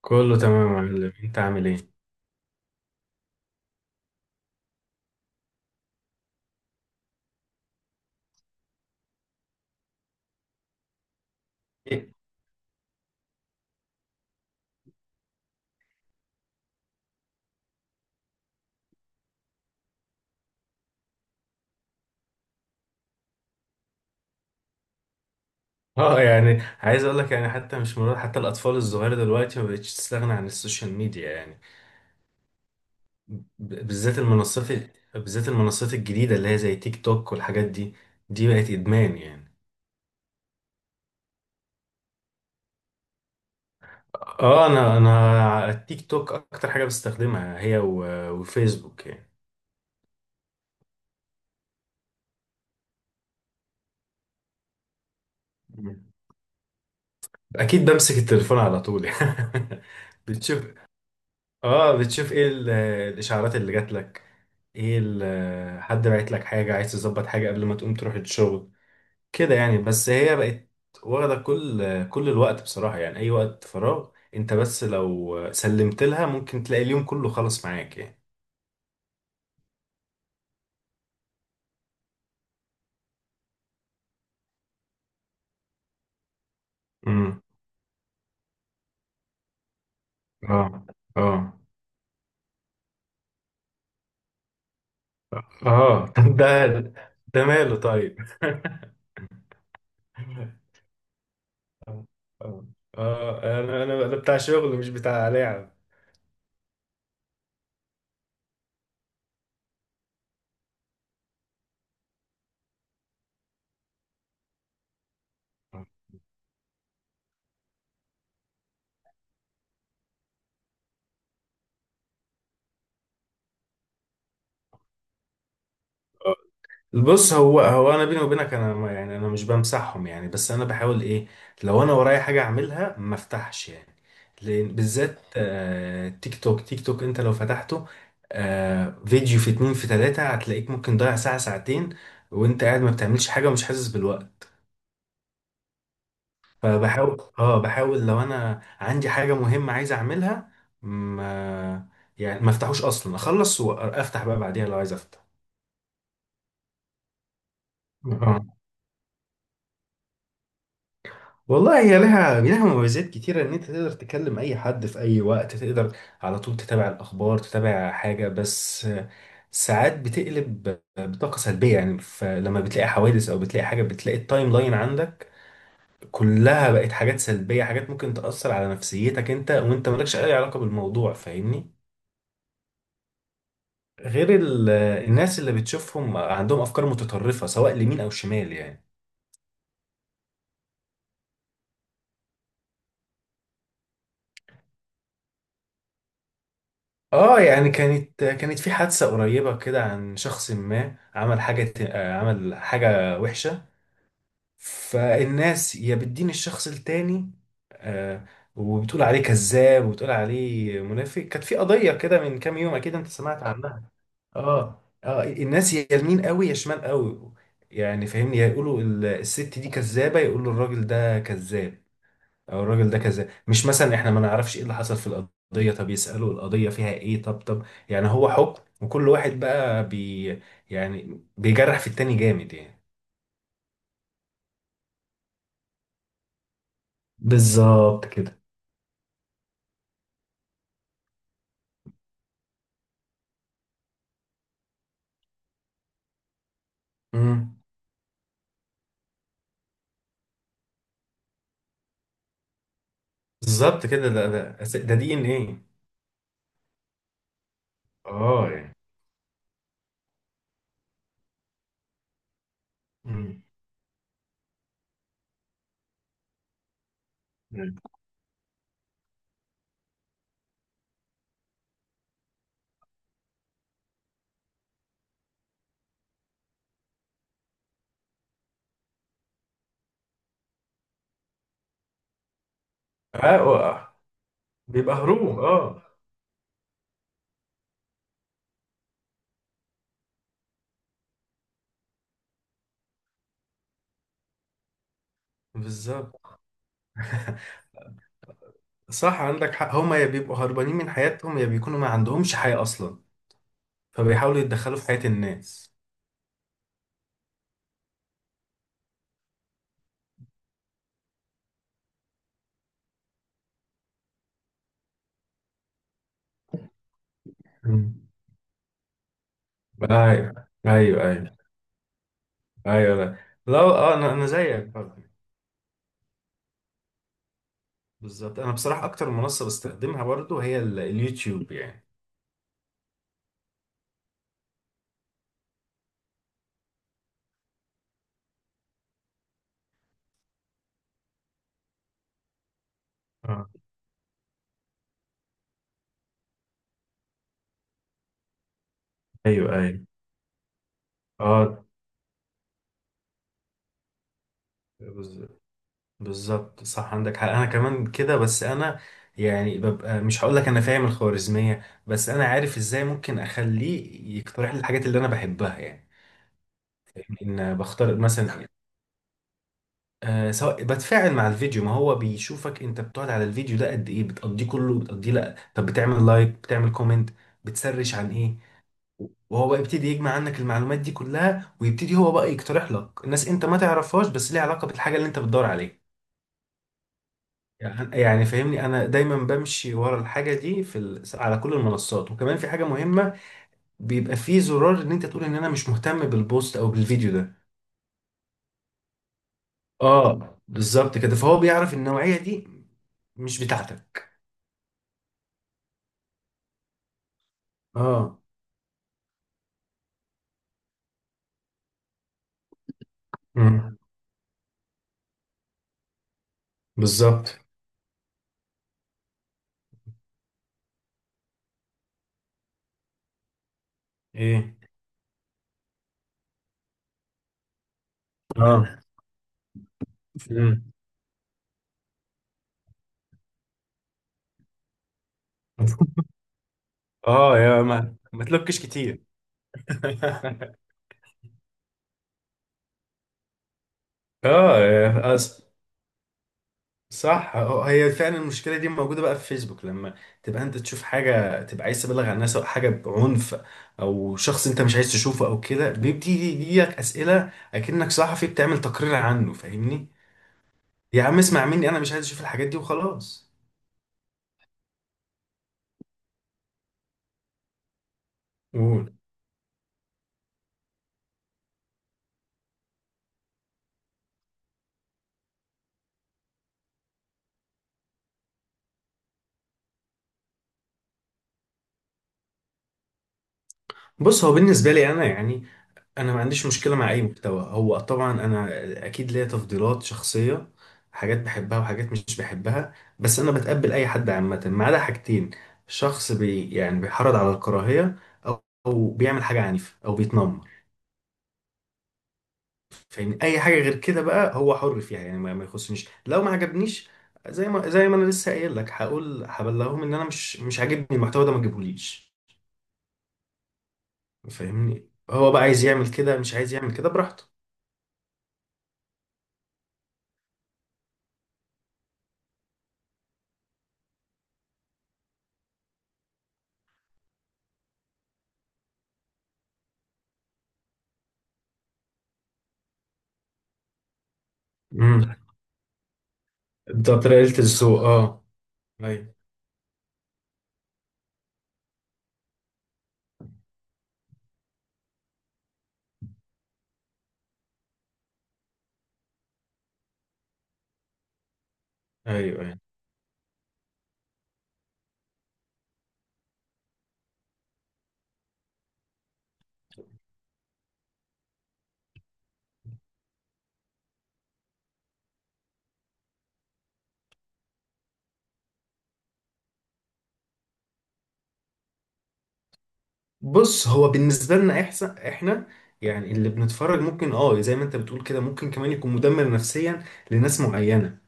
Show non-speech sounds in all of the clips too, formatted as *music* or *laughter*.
كله تمام يا معلم، انت عامل ايه؟ اه، يعني عايز اقول لك يعني حتى مش مرات، حتى الاطفال الصغيره دلوقتي ما بقتش تستغنى عن السوشيال ميديا يعني. ب- بالذات المنصات الجديده اللي هي زي تيك توك والحاجات دي، دي بقت ادمان يعني. اه، انا التيك توك اكتر حاجه بستخدمها، هي وفيسبوك يعني. مم. اكيد بمسك التليفون على طول *laughs* يعني. بتشوف. اه، بتشوف ايه الاشعارات اللي جات لك، ايه حد بعت لك حاجه، عايز تظبط حاجه قبل ما تقوم تروح الشغل كده يعني. بس هي بقت واخده كل الوقت بصراحه، يعني اي وقت فراغ انت بس لو سلمت لها، ممكن تلاقي اليوم كله خلص معاك يعني. امم. اه، اه، اه. *laughs* طب ده ماله طيب؟ *laughs* اه، اه، انا انا أنا بتاع شغل مش بتاع لعب. بص، هو انا، بيني وبينك، انا يعني انا مش بمسحهم يعني، بس انا بحاول ايه؟ لو انا ورايا حاجه اعملها ما افتحش يعني، لان بالذات تيك توك، تيك توك انت لو فتحته، فيديو، في اتنين، في تلاته، هتلاقيك ممكن ضايع ساعه، ساعتين وانت قاعد ما بتعملش حاجه ومش حاسس بالوقت. فبحاول اه بحاول لو انا عندي حاجه مهمه عايز اعملها، ما ما افتحوش اصلا، اخلص وافتح بقى بعديها لو عايز افتح. والله هي لها مميزات كتيرة، إن أنت تقدر تكلم أي حد في أي وقت، تقدر على طول تتابع الأخبار، تتابع حاجة. بس ساعات بتقلب بطاقة سلبية يعني، فلما بتلاقي حوادث أو بتلاقي حاجة، بتلاقي التايم لاين عندك كلها بقت حاجات سلبية، حاجات ممكن تأثر على نفسيتك أنت وأنت مالكش أي علاقة بالموضوع، فاهمني؟ غير الناس اللي بتشوفهم عندهم أفكار متطرفة سواء اليمين أو الشمال يعني. اه يعني، كانت في حادثة قريبة كده، عن شخص ما عمل حاجة، عمل حاجة وحشة، فالناس يا بتدين الشخص التاني، آه، وبتقول عليه كذاب وبتقول عليه منافق. كانت في قضية كده من كام يوم، أكيد أنت سمعت عنها. اه، اه، الناس يا يمين قوي يا شمال قوي يعني، فاهمني، يا يقولوا الست دي كذابة، يقولوا الراجل ده كذاب او الراجل ده كذا. مش مثلا احنا ما نعرفش ايه اللي حصل في القضيه؟ طب يسالوا، القضيه فيها ايه؟ طب يعني هو حكم، وكل واحد بقى يعني بيجرح في التاني جامد يعني. بالظبط كده. امم. بالظبط كده، ده ده ده دي ان ايه. اه يعني. امم. مم. اه. آه. بيبقى هروب، اه. بالظبط. *laughs* صح، عندك حق، هما يا بيبقوا هربانين من حياتهم يا بيكونوا ما عندهمش حياة أصلا، فبيحاولوا يتدخلوا في حياة الناس. مم. ايوه، ايوه، ايوه. ايوه، لا. لا، اه، انا زيك برضه. بالظبط، انا بصراحه اكتر منصه بستخدمها برضه هي اليوتيوب يعني. اه. ايوه، ايوه. اه. بز- بالظبط، صح، عندك حق، انا كمان كده. بس انا يعني ببقى، مش هقول لك انا فاهم الخوارزميه، بس انا عارف ازاي ممكن اخليه يقترح لي الحاجات اللي انا بحبها يعني. ان بختار مثلا، سواء بتفاعل مع الفيديو، ما هو بيشوفك انت بتقعد على الفيديو ده قد ايه، بتقضيه كله بتقضيه لا، طب بتعمل لايك، بتعمل كومنت، بتسرش عن ايه، وهو بقى يبتدي يجمع عنك المعلومات دي كلها، ويبتدي هو بقى يقترح لك الناس انت ما تعرفهاش، بس ليها علاقة بالحاجة اللي انت بتدور عليها. يعني فاهمني، انا دايما بمشي ورا الحاجة دي على كل المنصات. وكمان في حاجة مهمة، بيبقى فيه زرار ان انت تقول ان انا مش مهتم بالبوست او بالفيديو ده. اه، بالظبط كده، فهو بيعرف النوعية دي مش بتاعتك. اه. امم. بالظبط. ايه، اه. امم. *laughs* اه، يا ما تلوكش كتير. *laughs* اه، يا صح، هي فعلا المشكله دي موجوده بقى في فيسبوك، لما تبقى انت تشوف حاجه تبقى عايز تبلغ عن الناس، او حاجه بعنف، او شخص انت مش عايز تشوفه، او كده بيبتدي يجيلك اسئله اكنك صحفي بتعمل تقرير عنه، فاهمني؟ يا عم اسمع مني، انا مش عايز اشوف الحاجات دي وخلاص. قول. بص، هو بالنسبه لي انا يعني، انا ما عنديش مشكله مع اي محتوى. هو طبعا انا اكيد ليا تفضيلات شخصيه، حاجات بحبها وحاجات مش بحبها، بس انا بتقبل اي حد عامه ما عدا حاجتين: شخص يعني بيحرض على الكراهيه، أو بيعمل حاجه عنيفه او بيتنمر. فاهمني؟ اي حاجه غير كده بقى هو حر فيها يعني، ما يخصنيش، لو ما عجبنيش، زي ما انا لسه قايل لك، هقول هبلغهم ان انا مش عاجبني المحتوى ده، ما تجيبهوليش. فاهمني؟ هو بقى عايز يعمل كده، مش عايز يعمل كده، براحته. امم. ده طريقه الذوق، اه. ايوه، ايوه، ايوه. بص، هو بالنسبه لنا احسن احنا يعني اللي بنتفرج، ممكن اه، زي ما انت بتقول كده، ممكن كمان يكون مدمر نفسيا لناس معينه،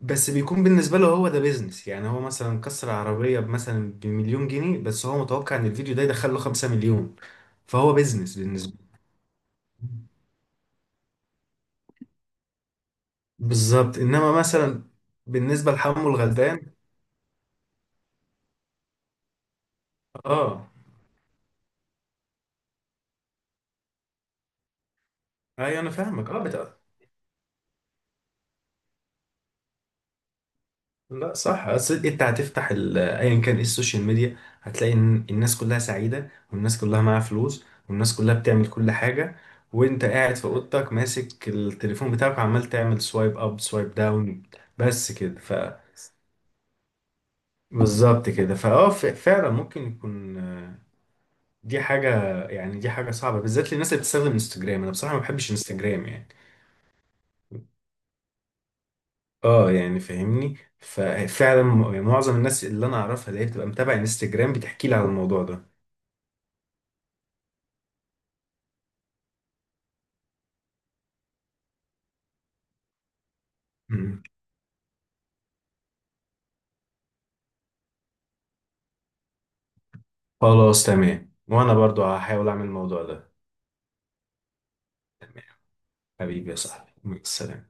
بس بيكون بالنسبه له هو ده بيزنس يعني. هو مثلا كسر عربيه مثلا بمليون جنيه، بس هو متوقع ان الفيديو ده يدخل له 5 مليون، فهو بيزنس بالنسبه له. بالظبط. انما مثلا بالنسبه لحمو الغلبان. اه. ايوه، انا فاهمك، اه، لا، صح، اصل انت هتفتح ايا كان ايه السوشيال ميديا، هتلاقي ان الناس كلها سعيده، والناس كلها معاها فلوس، والناس كلها بتعمل كل حاجه، وانت قاعد في اوضتك ماسك التليفون بتاعك، وعمال تعمل سوايب اب، سوايب داون، بس كده. بالظبط كده. فعلا ممكن يكون، دي حاجه صعبه، بالذات للناس اللي بتستخدم انستجرام. انا بصراحه ما بحبش انستجرام يعني. اه يعني فاهمني، ففعلا يعني معظم الناس اللي انا اعرفها، اللي هي بتبقى متابعه انستجرام، بتحكي لي على الموضوع ده. مم. خلاص، تمام، وانا برضو هحاول اعمل الموضوع ده. تمام. حبيبي يا صاحبي، مع السلامة.